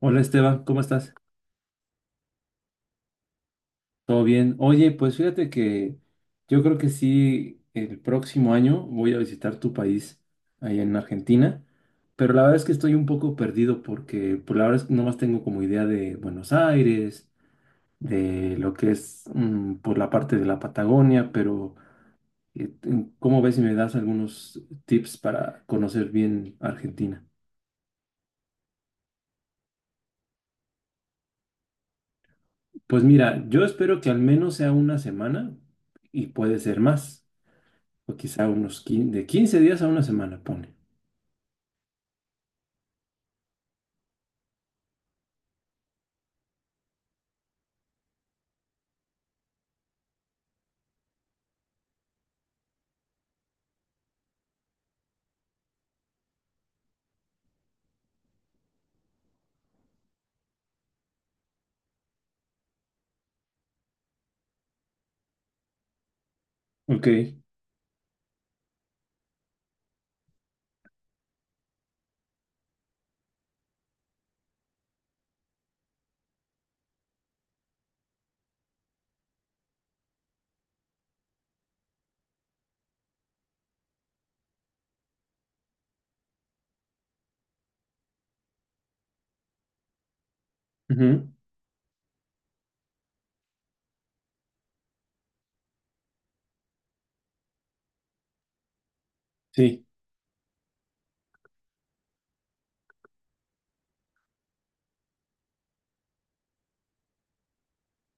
Hola Esteban, ¿cómo estás? ¿Todo bien? Oye, pues fíjate que yo creo que sí, el próximo año voy a visitar tu país, ahí en Argentina, pero la verdad es que estoy un poco perdido porque por la verdad es que nomás tengo como idea de Buenos Aires, de lo que es por la parte de la Patagonia, pero eh, ¿cómo ves si me das algunos tips para conocer bien Argentina? Pues mira, yo espero que al menos sea una semana y puede ser más. O quizá unos 15, de 15 días a una semana, pone. Ok. Ujú. Sí.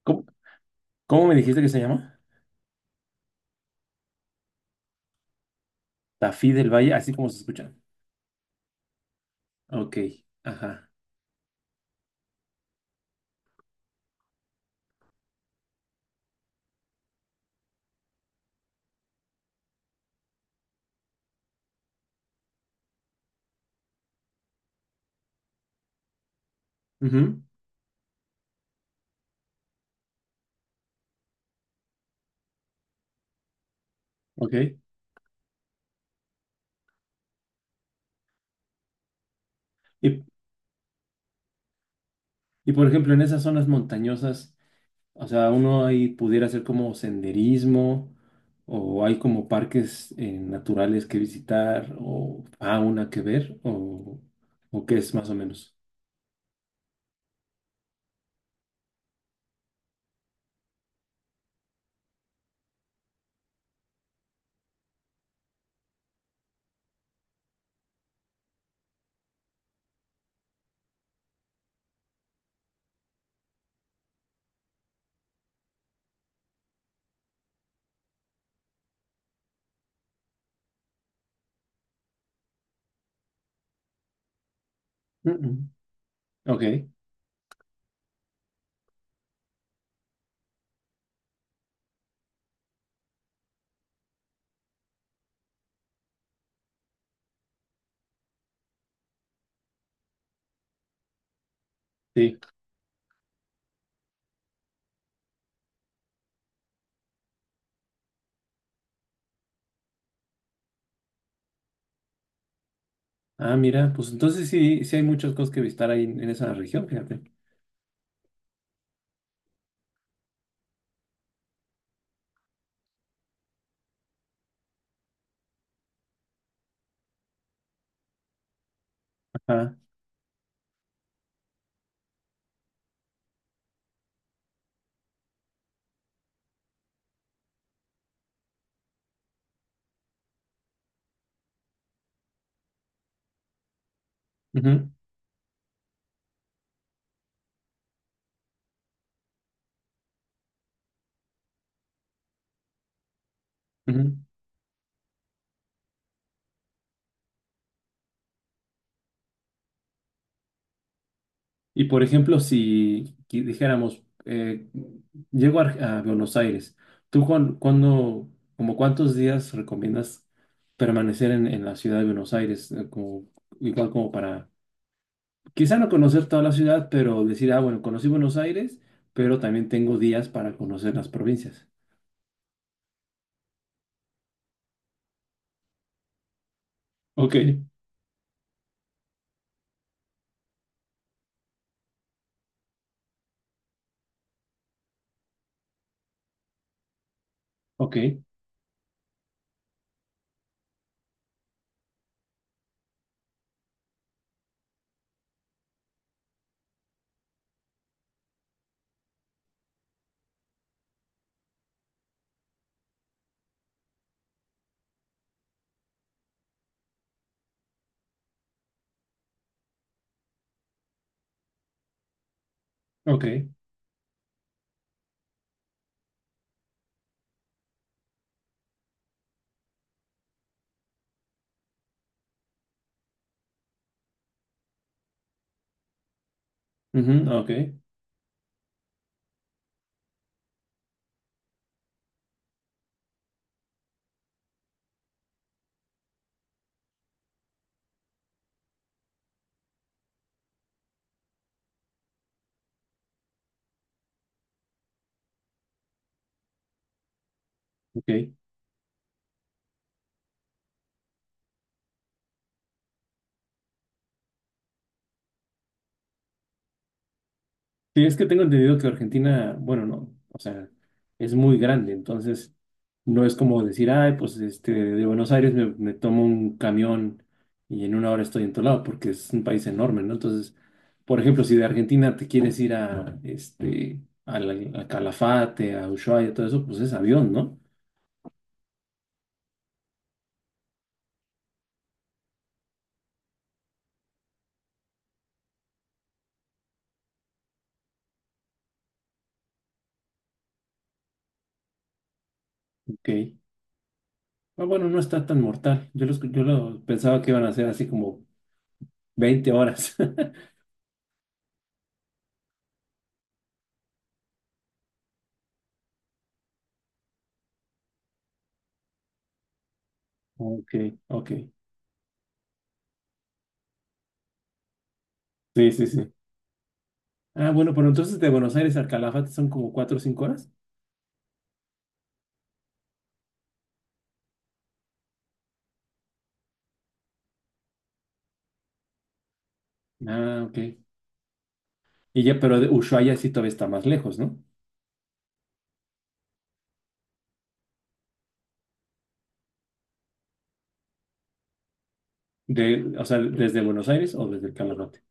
¿Cómo, cómo me dijiste que se llama? Tafí del Valle, así como se escucha. Ok, ajá. Ujú. Ok. Y, y por ejemplo, en esas zonas montañosas, o sea, uno ahí pudiera hacer como senderismo, o hay como parques naturales que visitar, o fauna que ver, o qué es más o menos. Mm. Mm. Ok. Sí. Ah, mira, pues entonces sí, sí hay muchas cosas que visitar ahí en esa región, fíjate. Ajá. Ujú. Ujú. Y por ejemplo, si dijéramos, llego a Buenos Aires, ¿tú cuándo, como cuántos días recomiendas permanecer en la ciudad de Buenos Aires? Como, igual como para, quizá no conocer toda la ciudad, pero decir, ah, bueno, conocí Buenos Aires, pero también tengo días para conocer las provincias. Ok. Ok. Ok. Ujú. Ok. Ok. Sí, es que tengo entendido que Argentina, bueno, no, o sea, es muy grande, entonces no es como decir, ay, pues este, de Buenos Aires me tomo un camión y en una hora estoy en todo lado, porque es un país enorme, ¿no? Entonces, por ejemplo, si de Argentina te quieres ir a, este, a Calafate, a Ushuaia, todo eso, pues es avión, ¿no? Ok. Ah, bueno, no está tan mortal. Yo lo pensaba que iban a ser así como 20 horas. Ok. Ok. Sí, sí, sí. Ah, bueno, pero entonces de Buenos Aires al Calafate son como 4 o 5 horas. Ah, ok. Y ya, pero de Ushuaia sí todavía está más lejos, ¿no? De, o sea, desde Buenos Aires o desde el Calafate.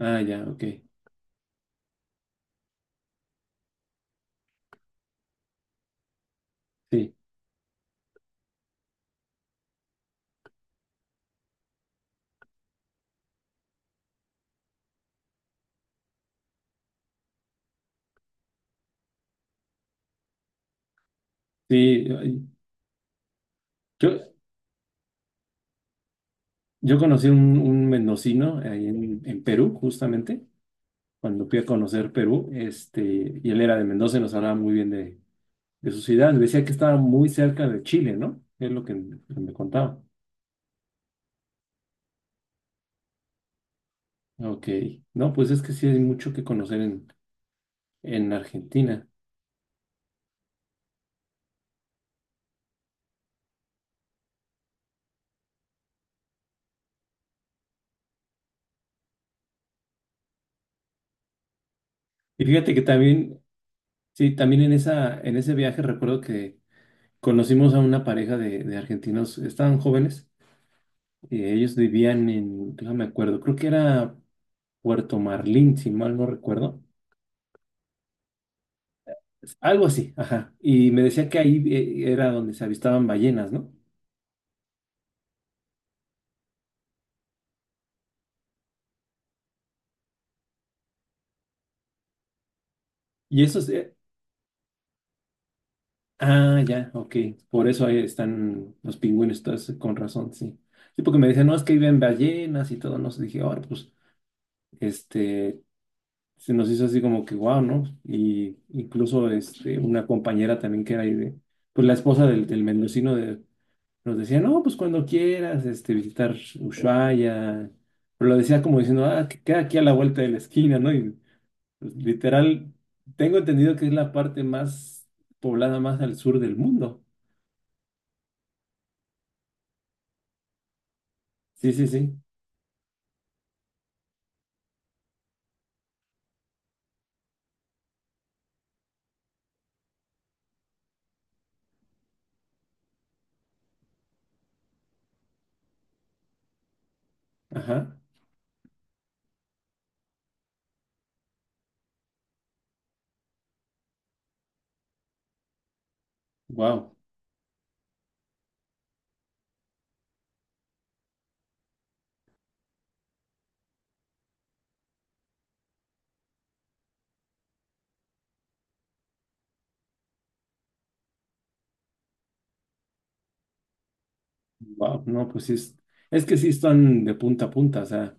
Ah, ya, ok. Sí, sí. Yo, yo conocí un mendocino ahí en Perú, justamente, cuando fui a conocer Perú, este, y él era de Mendoza y nos hablaba muy bien de su ciudad. Me decía que estaba muy cerca de Chile, ¿no? Es lo que me contaba. Ok. No, pues es que sí hay mucho que conocer en Argentina. Y fíjate que también, sí, también en esa, en ese viaje recuerdo que conocimos a una pareja de argentinos, estaban jóvenes, y ellos vivían en, no me acuerdo, creo que era Puerto Marlín, si mal no recuerdo, algo así, ajá, y me decía que ahí era donde se avistaban ballenas, ¿no? Y esos, ah, ya, ok, por eso ahí están los pingüinos, entonces con razón, sí. Sí, porque me decían, no, es que viven ballenas y todo, no sé, dije, ahora, pues, este, se nos hizo así como que wow, ¿no? Y incluso este, una compañera también que era ahí de, pues la esposa del mendocino de, nos decía, no, pues cuando quieras este, visitar Ushuaia, pero lo decía como diciendo, ah, que queda aquí a la vuelta de la esquina, ¿no? Y pues, literal, tengo entendido que es la parte más poblada más al sur del mundo. Sí, sí, sí, ajá, wow, wow, no, pues sí, es que sí están de punta a punta, o sea.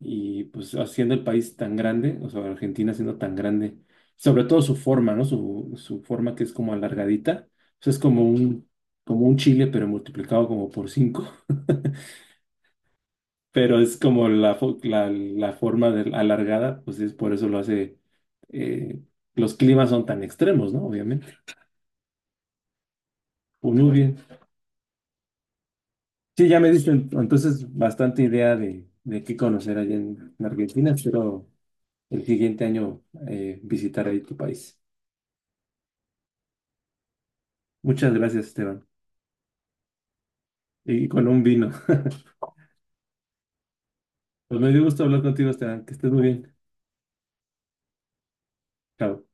Y pues haciendo el país tan grande, o sea, Argentina siendo tan grande, sobre todo su forma, ¿no? Su forma que es como alargadita, o sea, es como un chile, pero multiplicado como por cinco, pero es como la forma alargada, pues es por eso lo hace, eh, los climas son tan extremos, ¿no? Obviamente. Pues muy, claro, bien. Sí, ya me diste entonces bastante idea de, qué conocer allá en Argentina, espero el siguiente año visitar ahí tu país. Muchas gracias, Esteban. Y con un vino. Pues me dio gusto hablar contigo, Esteban. Que estés muy bien. Chao.